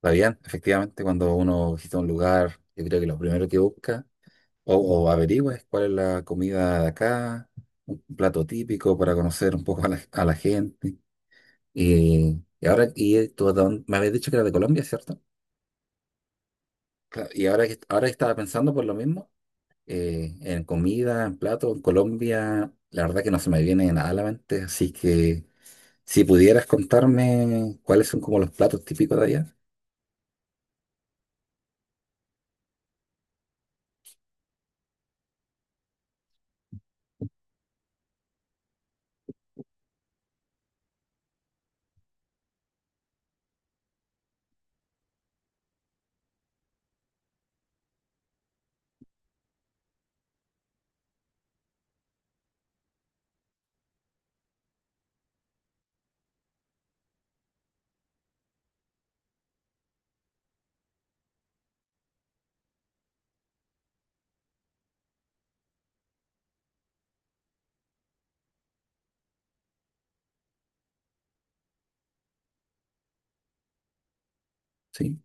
La bien, efectivamente, cuando uno visita un lugar, yo creo que lo primero que busca o averigua es cuál es la comida de acá, un plato típico para conocer un poco a la gente. Y ahora, tú, me habías dicho que era de Colombia, ¿cierto? Claro, y ahora que estaba pensando por lo mismo, en comida, en plato, en Colombia, la verdad que no se me viene nada a la mente, así que si pudieras contarme cuáles son como los platos típicos de allá, sí,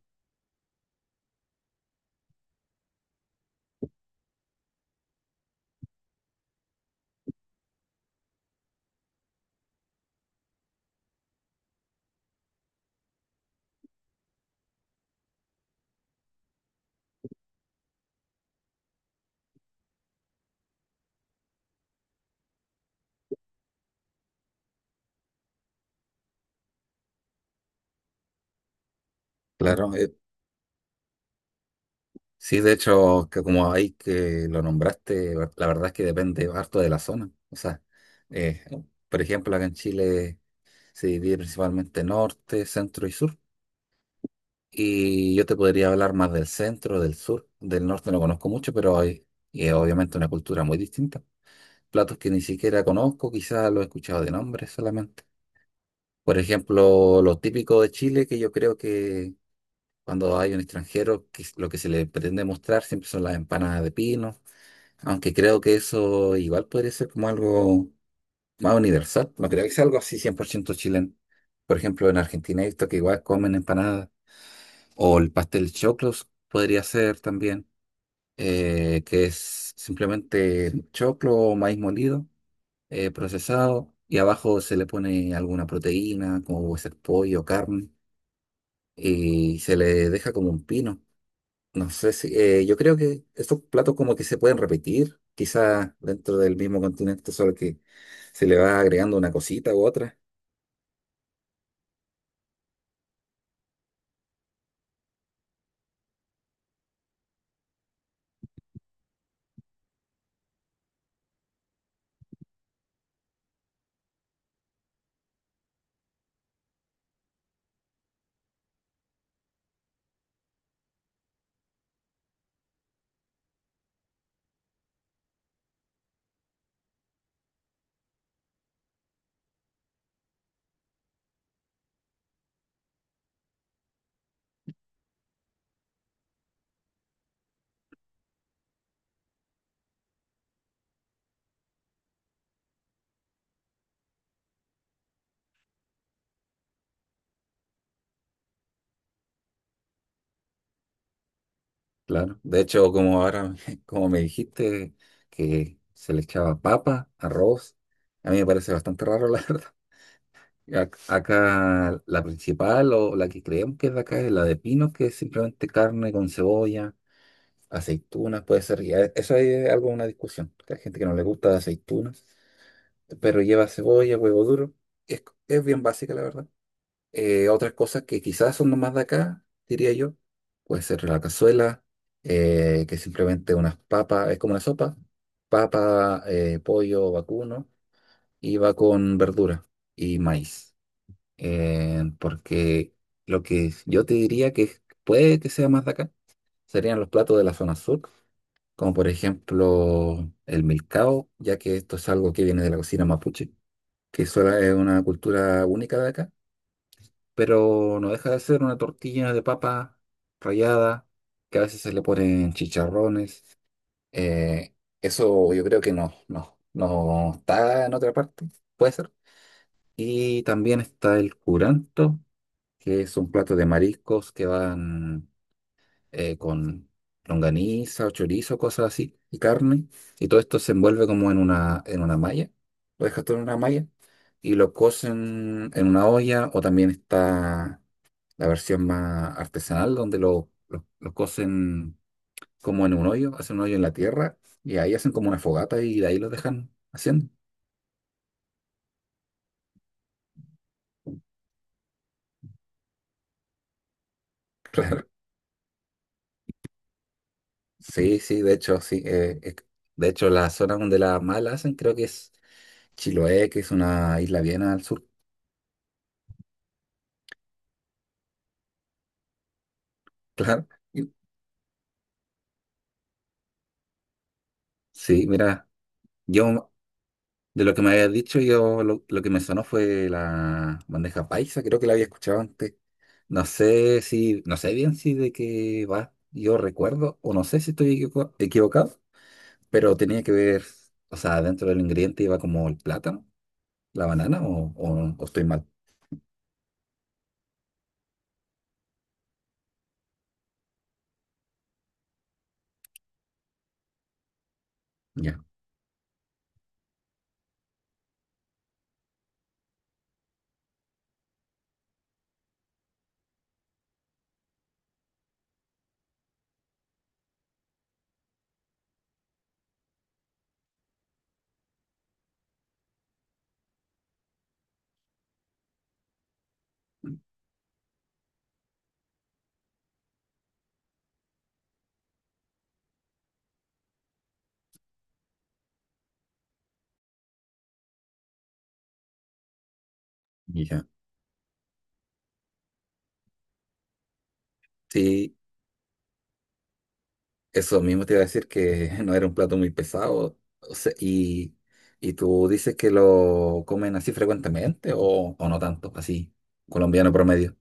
claro. Sí, de hecho, que como ahí que lo nombraste, la verdad es que depende harto de la zona. O sea, eh, por ejemplo, acá en Chile se divide principalmente norte, centro y sur. Y yo te podría hablar más del centro, del sur. Del norte no conozco mucho, pero hay y es obviamente una cultura muy distinta. Platos que ni siquiera conozco, quizás los he escuchado de nombre solamente. Por ejemplo, lo típico de Chile, que yo creo que cuando hay un extranjero, lo que se le pretende mostrar siempre son las empanadas de pino. Aunque creo que eso igual podría ser como algo más universal. No creo que sea algo así 100% chileno. Por ejemplo, en Argentina he visto que igual comen empanadas. O el pastel choclos podría ser también, que es simplemente choclo o maíz molido, procesado, y abajo se le pone alguna proteína, como puede ser pollo, carne, y se le deja como un pino. No sé si, yo creo que estos platos como que se pueden repetir, quizás dentro del mismo continente, solo que se le va agregando una cosita u otra. Claro. De hecho, como ahora, como me dijiste, que se le echaba papa, arroz, a mí me parece bastante raro, la verdad. Acá la principal o la que creemos que es de acá es la de pino, que es simplemente carne con cebolla, aceitunas, puede ser. Eso ahí es algo, una discusión. Que Hay gente que no le gusta aceitunas, pero lleva cebolla, huevo duro. Es bien básica, la verdad. Otras cosas que quizás son nomás de acá, diría yo, puede ser la cazuela, que simplemente unas papas, es como una sopa, papa, pollo, vacuno, y va con verdura y maíz. Porque lo que yo te diría puede que sea más de acá serían los platos de la zona sur, como por ejemplo el milcao, ya que esto es algo que viene de la cocina mapuche que es una cultura única de acá, pero no deja de ser una tortilla de papa rallada, que a veces se le ponen chicharrones. Eh, eso yo creo que no está en otra parte, puede ser. Y también está el curanto, que es un plato de mariscos que van con longaniza o chorizo, cosas así, y carne, y todo esto se envuelve como en una malla, lo dejas todo en una malla, y lo cocen en una olla, o también está la versión más artesanal, donde lo cocen como en un hoyo, hacen un hoyo en la tierra, y ahí hacen como una fogata y de ahí lo dejan haciendo. Claro. Sí, sí, de hecho, sí. De hecho, la zona donde la más la hacen creo que es Chiloé, que es una isla bien al sur. Claro. Sí, mira, yo de lo que me habías dicho, yo lo que me sonó fue la bandeja paisa, creo que la había escuchado antes. No sé si, no sé bien si de qué va, yo recuerdo, o no sé si estoy equivocado, pero tenía que ver, o sea, dentro del ingrediente iba como el plátano, la banana, o estoy mal. Ya, ya. Sí, eso mismo te iba a decir que no era un plato muy pesado, o sea, y tú dices que lo comen así frecuentemente o no tanto, así, colombiano promedio.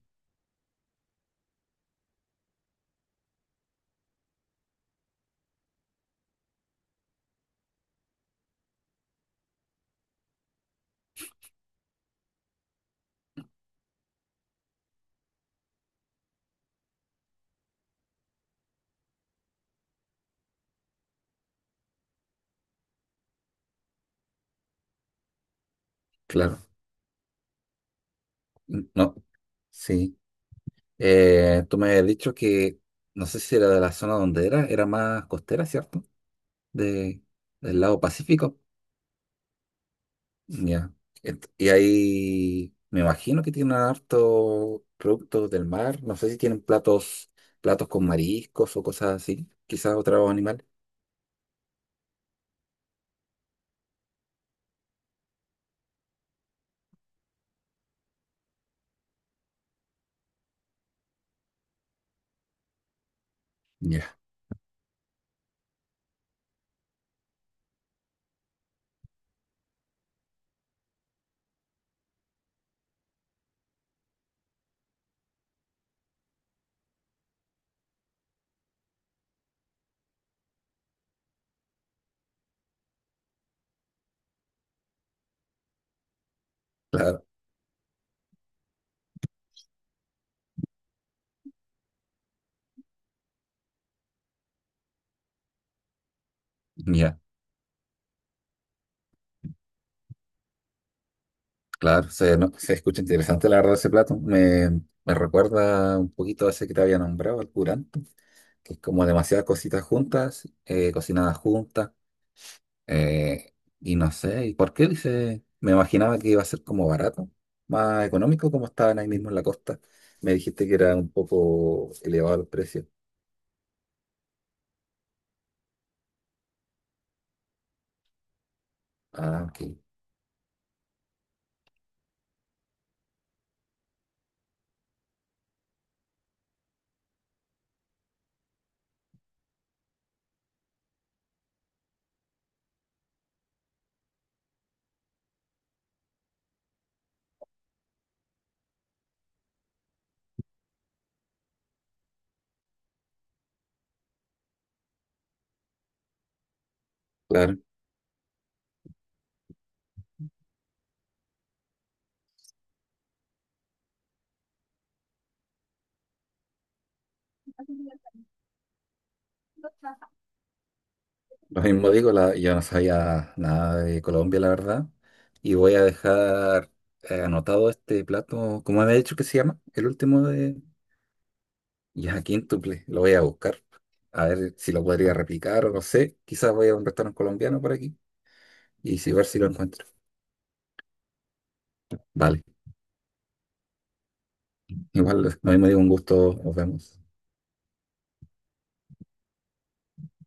Claro, no, sí. Tú me has dicho que, no sé si era de la zona donde era, era más costera, ¿cierto? De, del lado Pacífico. Ya. Y ahí me imagino que tienen harto productos del mar. No sé si tienen platos, platos con mariscos o cosas así, quizás otro animal. Ya, claro, ya, claro. Se, se escucha interesante la verdad ese plato. Me recuerda un poquito a ese que te había nombrado, el curanto, que es como demasiadas cositas juntas, cocinadas juntas. eh, y no sé, ¿y por qué dice? Me imaginaba que iba a ser como barato, más económico, como estaban ahí mismo en la costa. Me dijiste que era un poco elevado el precio. Ah, ok, claro. Lo mismo digo, la- yo no sabía nada de Colombia, la verdad. Y voy a dejar anotado este plato, ¿cómo había dicho que se llama? El último de... Ya, quíntuple, lo voy a buscar. A ver si lo podría replicar o no sé. Quizás voy a un restaurante colombiano por aquí y si ver si lo encuentro. Vale, igual lo mismo digo, un gusto, nos vemos.